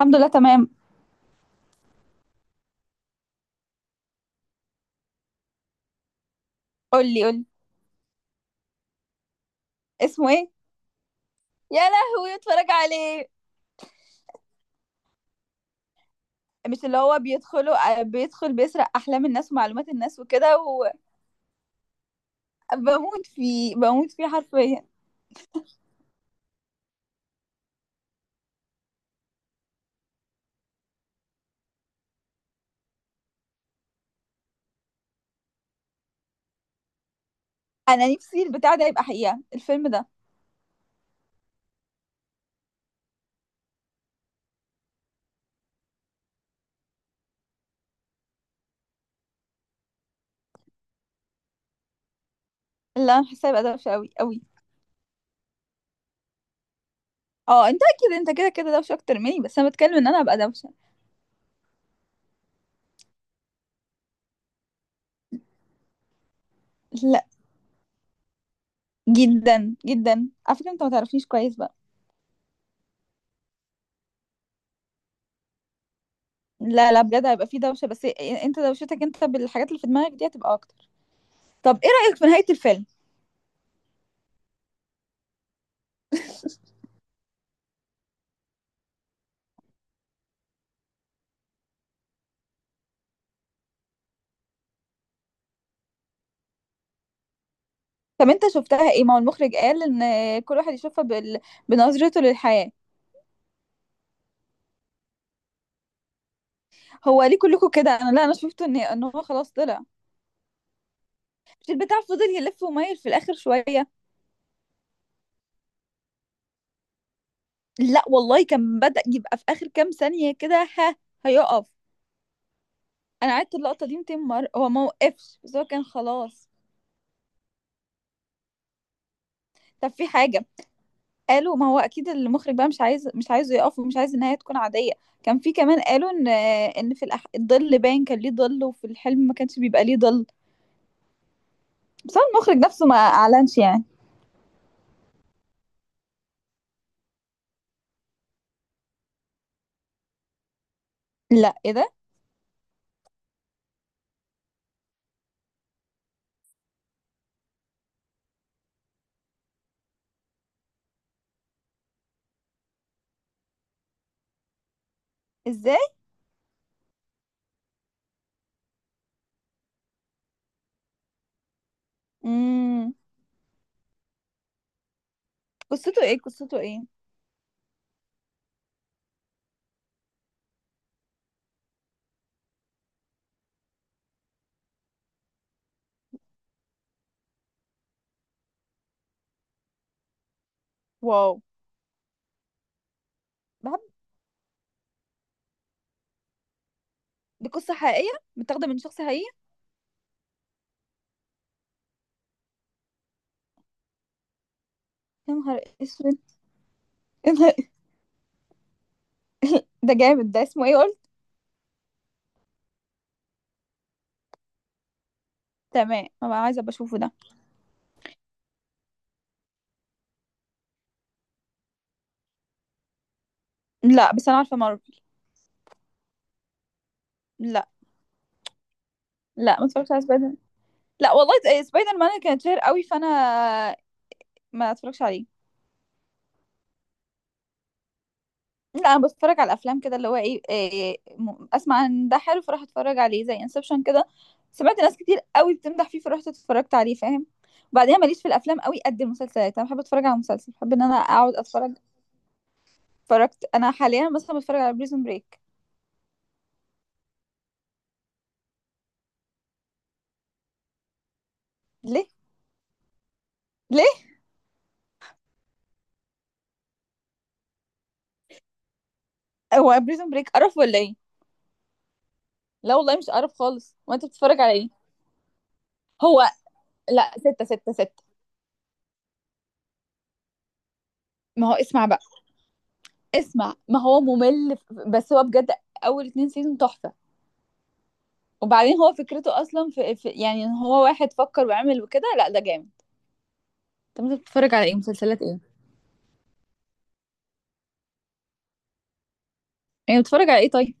الحمد لله تمام. قول لي قول لي. اسمه ايه؟ يا لهوي، اتفرج عليه. مش اللي هو بيدخلوا بيدخل بيسرق احلام الناس ومعلومات الناس وكده. وبموت فيه بموت فيه حرفيا. انا نفسي البتاع ده يبقى حقيقة الفيلم ده. اللي انا حاسه يبقى دوشه قوي قوي. اه، انت اكيد انت كده كده دوشه اكتر مني، بس انا بتكلم ان انا ابقى دوشه. لا. جدا جدا على فكره انت ما تعرفنيش كويس بقى. لا لا، بجد هيبقى فيه دوشه بس. انت دوشتك انت بالحاجات اللي في دماغك دي هتبقى اكتر. طب ايه رايك في نهايه الفيلم؟ طب انت شفتها ايه؟ ما هو المخرج قال ان كل واحد يشوفها بنظرته للحياة. هو ليه كلكم كده؟ انا لا، انا شفت ان هو خلاص طلع. مش البتاع فضل يلف ومايل في الاخر شوية؟ لا والله، كان بدأ يبقى في اخر كام ثانية كده، ها، هيقف. انا قعدت اللقطة دي 200 مرة، هو ما وقفش، بس هو كان خلاص. طب في حاجة قالوا، ما هو اكيد المخرج بقى مش عايزه يقف، ومش عايز النهاية تكون عادية. كان في كمان قالوا ان، ان في الظل باين، كان ليه ظل، وفي الحلم ما كانش بيبقى ليه ظل. بس هو المخرج نفسه ما اعلنش يعني. لا، ايه ده؟ ازاي؟ امم. قصته ايه؟ قصته ايه؟ واو. بحب. دي قصة حقيقية؟ متاخدة من شخص حقيقي؟ يا نهار اسود. يا نهار- ده جامد. ده اسمه ايه قلت؟ تمام، ما بقى عايزة ابقى اشوفه ده. لا، بس انا عارفة مارفل. لا لا، ما اتفرجتش على سبايدر. لا والله إيه، سبايدر مان كانت شهر قوي، فانا ما اتفرجش عليه. لا، انا بتفرج على الافلام كده، اللي هو اسمع ان ده حلو فراح اتفرج عليه، زي انسبشن كده. سمعت ناس كتير قوي بتمدح فيه، فرحت اتفرجت عليه، فاهم؟ وبعدين ماليش في الافلام قوي قد المسلسلات. انا بحب اتفرج على مسلسل، بحب ان انا اقعد اتفرج. اتفرجت انا حاليا مثلا بتفرج على بريزون بريك. ليه؟ ليه؟ هو بريزون بريك قرف ولا ايه؟ لا والله مش قرف خالص، وانت بتتفرج على ايه؟ هو لا، ستة ستة ستة. ما هو اسمع بقى، اسمع. ما هو ممل، بس هو بجد اول اتنين سيزون تحفة. وبعدين هو فكرته اصلا في, في يعني ان هو واحد فكر وعمل وكده، لا ده جامد. طب انت بتتفرج على ايه؟ مسلسلات ايه؟ يعني بتتفرج على ايه طيب؟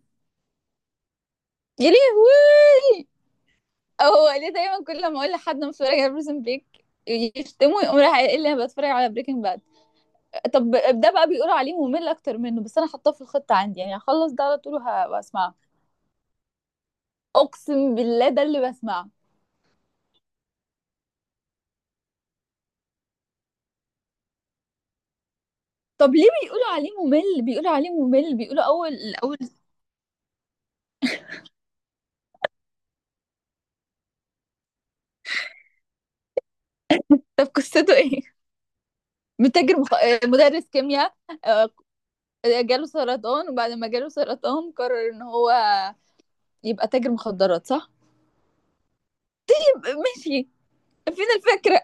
يا لهوي. هو ليه دايما كل ما اقول لحد أنا بتفرج على بريزن بريك يشتموا، يقوم راح قايل لي انا بتفرج على بريكنج باد؟ طب، ده بقى بيقولوا عليه ممل اكتر منه، بس انا حاطاه في الخطه عندي، يعني هخلص ده على طول وهسمعه. اقسم بالله ده اللي بسمعه. طب ليه بيقولوا عليه ممل؟ بيقولوا عليه ممل، بيقولوا اول اول. طب قصته ايه؟ متاجر مخ... آه، مدرس كيمياء. آه، جاله سرطان، وبعد ما جاله سرطان قرر ان هو يبقى تاجر مخدرات، صح؟ ماشي. فين الفكرة؟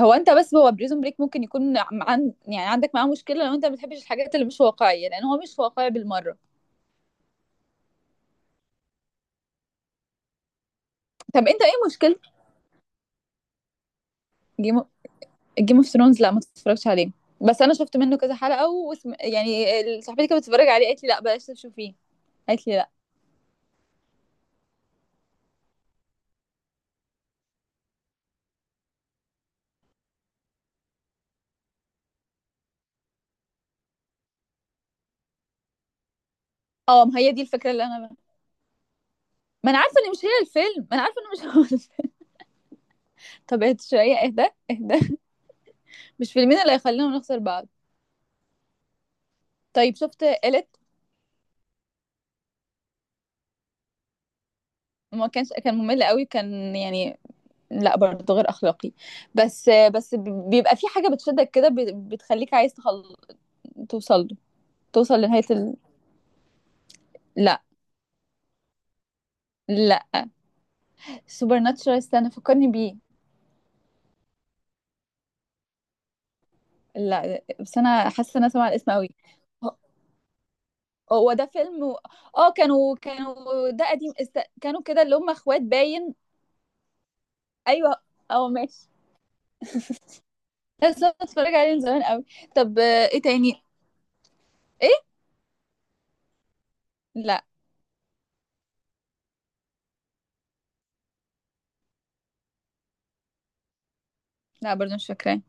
هو انت بس. هو بريزون بريك ممكن يكون يعني عندك معاه مشكلة لو انت ما بتحبش الحاجات اللي مش واقعية، لان هو مش واقعي بالمرة. طب انت ايه مشكلة جيم جيم اوف ثرونز؟ لا، ما تتفرجش عليه. بس انا شفت منه كذا حلقة صاحبتي كانت بتتفرج عليه، قالت لي لا بلاش تشوفيه، قالت لي لا. اه، ما هي دي الفكرة اللي انا. ما انا عارفة ان مش هي الفيلم، ما انا عارفة ان مش هو الفيلم. طب اهدى شوية، اهدى. اهدى. مش فيلمين اللي هيخلينا نخسر بعض. طيب، شفت إليت؟ وما كانش كان ممل قوي، كان يعني، لا برضه غير اخلاقي. بس بس بيبقى في حاجه بتشدك كده، بتخليك عايز توصل له، توصل لنهايه. لا. لا. سوبر ناتشورال، استنى فكرني بيه. لا، بس انا حاسه ان انا سامعه الاسم قوي. ه- هو ده فيلم اه، كانوا ده قديم كانوا كده، اللي هم اخوات باين. ايوه. اه، ماشي. بس أنا اتفرج عليه من زمان قوي. طب ايه تاني؟ ايه؟ لا. لا، برضه مش فاكراه.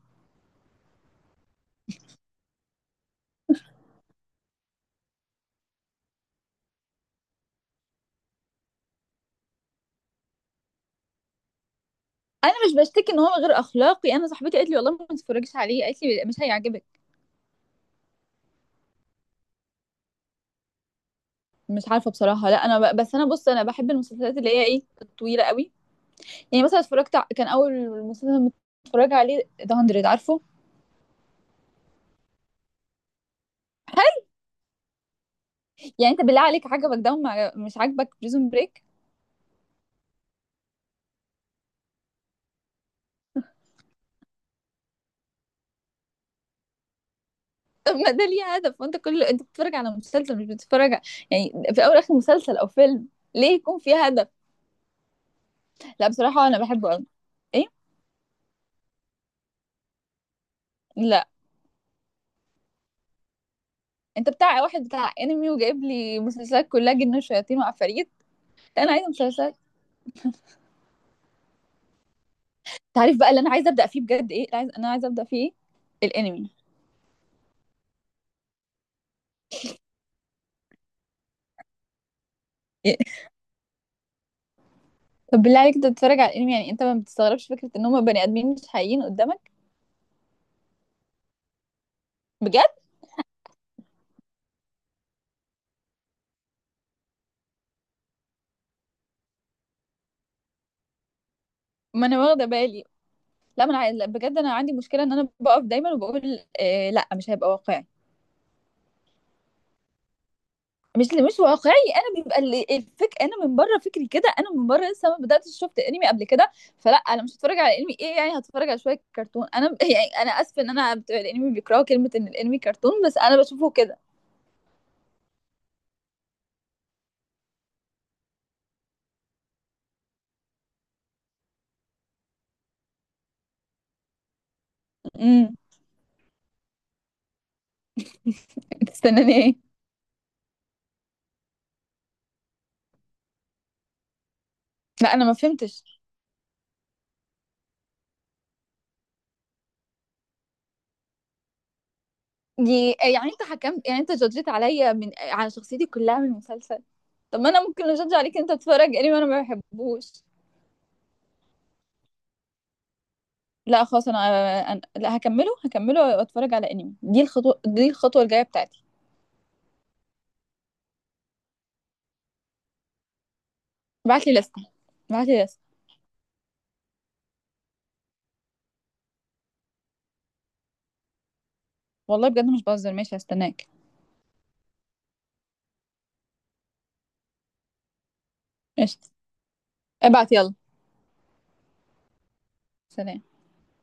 انا مش بشتكي ان هو غير اخلاقي، انا صاحبتي قالت لي والله ما تتفرجيش عليه، قالت لي مش هيعجبك. مش عارفه بصراحه. لا انا بس انا بص، انا بحب المسلسلات اللي هي ايه الطويله قوي. يعني مثلا اتفرجت كان اول مسلسل متفرجه عليه ذا 100، عارفه. حلو. يعني انت بالله عليك عجبك ده، مش عاجبك بريزون بريك؟ طب ما ده ليه هدف، وانت كل انت بتتفرج على مسلسل مش بتتفرج يعني في اول اخر مسلسل او فيلم ليه يكون فيه هدف؟ لا بصراحه انا بحبه قوي. ايه؟ لا، انت بتاع واحد بتاع انمي، وجايب لي مسلسلات كلها جن وشياطين وعفاريت. لا، انا عايزه مسلسلات. تعرف بقى اللي انا عايزه ابدا فيه بجد ايه؟ انا عايزه ابدا فيه ايه؟ الانمي. إيه؟ طب بالله عليك، انت بتتفرج على الانمي، يعني انت ما بتستغربش فكره ان هم بني ادمين مش حقيقيين قدامك؟ بجد. ما انا واخده بالي. لا، ما انا لا، بجد انا عندي مشكله ان انا بقف دايما وبقول إيه لا مش هيبقى واقعي. مش واقعي. انا بيبقى الفك، انا من بره فكري كده، انا من بره لسه ما بداتش شفت انمي قبل كده. فلا انا مش هتفرج على انمي، ايه يعني هتفرج على شويه كرتون، انا يعني انا اسفه ان انا بتوع الانمي بيكرهوا كلمه ان الانمي كرتون، بس انا بشوفه كده. امم. تستناني ايه؟ لا انا ما فهمتش. دي يعني انت حكمت، يعني انت جادجت عليا من على شخصيتي كلها من المسلسل. طب ما انا ممكن اجادج عليك، انت بتتفرج انمي وانا ما بحبوش. لا خلاص انا لا، هكمله هكمله واتفرج على انمي، دي الخطوه، دي الخطوه الجايه بتاعتي. ابعت لي لستة. ابعت لي لستة. والله بجد مش بهزر. ماشي، هستناك. قشطة. ابعت يلا. سلام.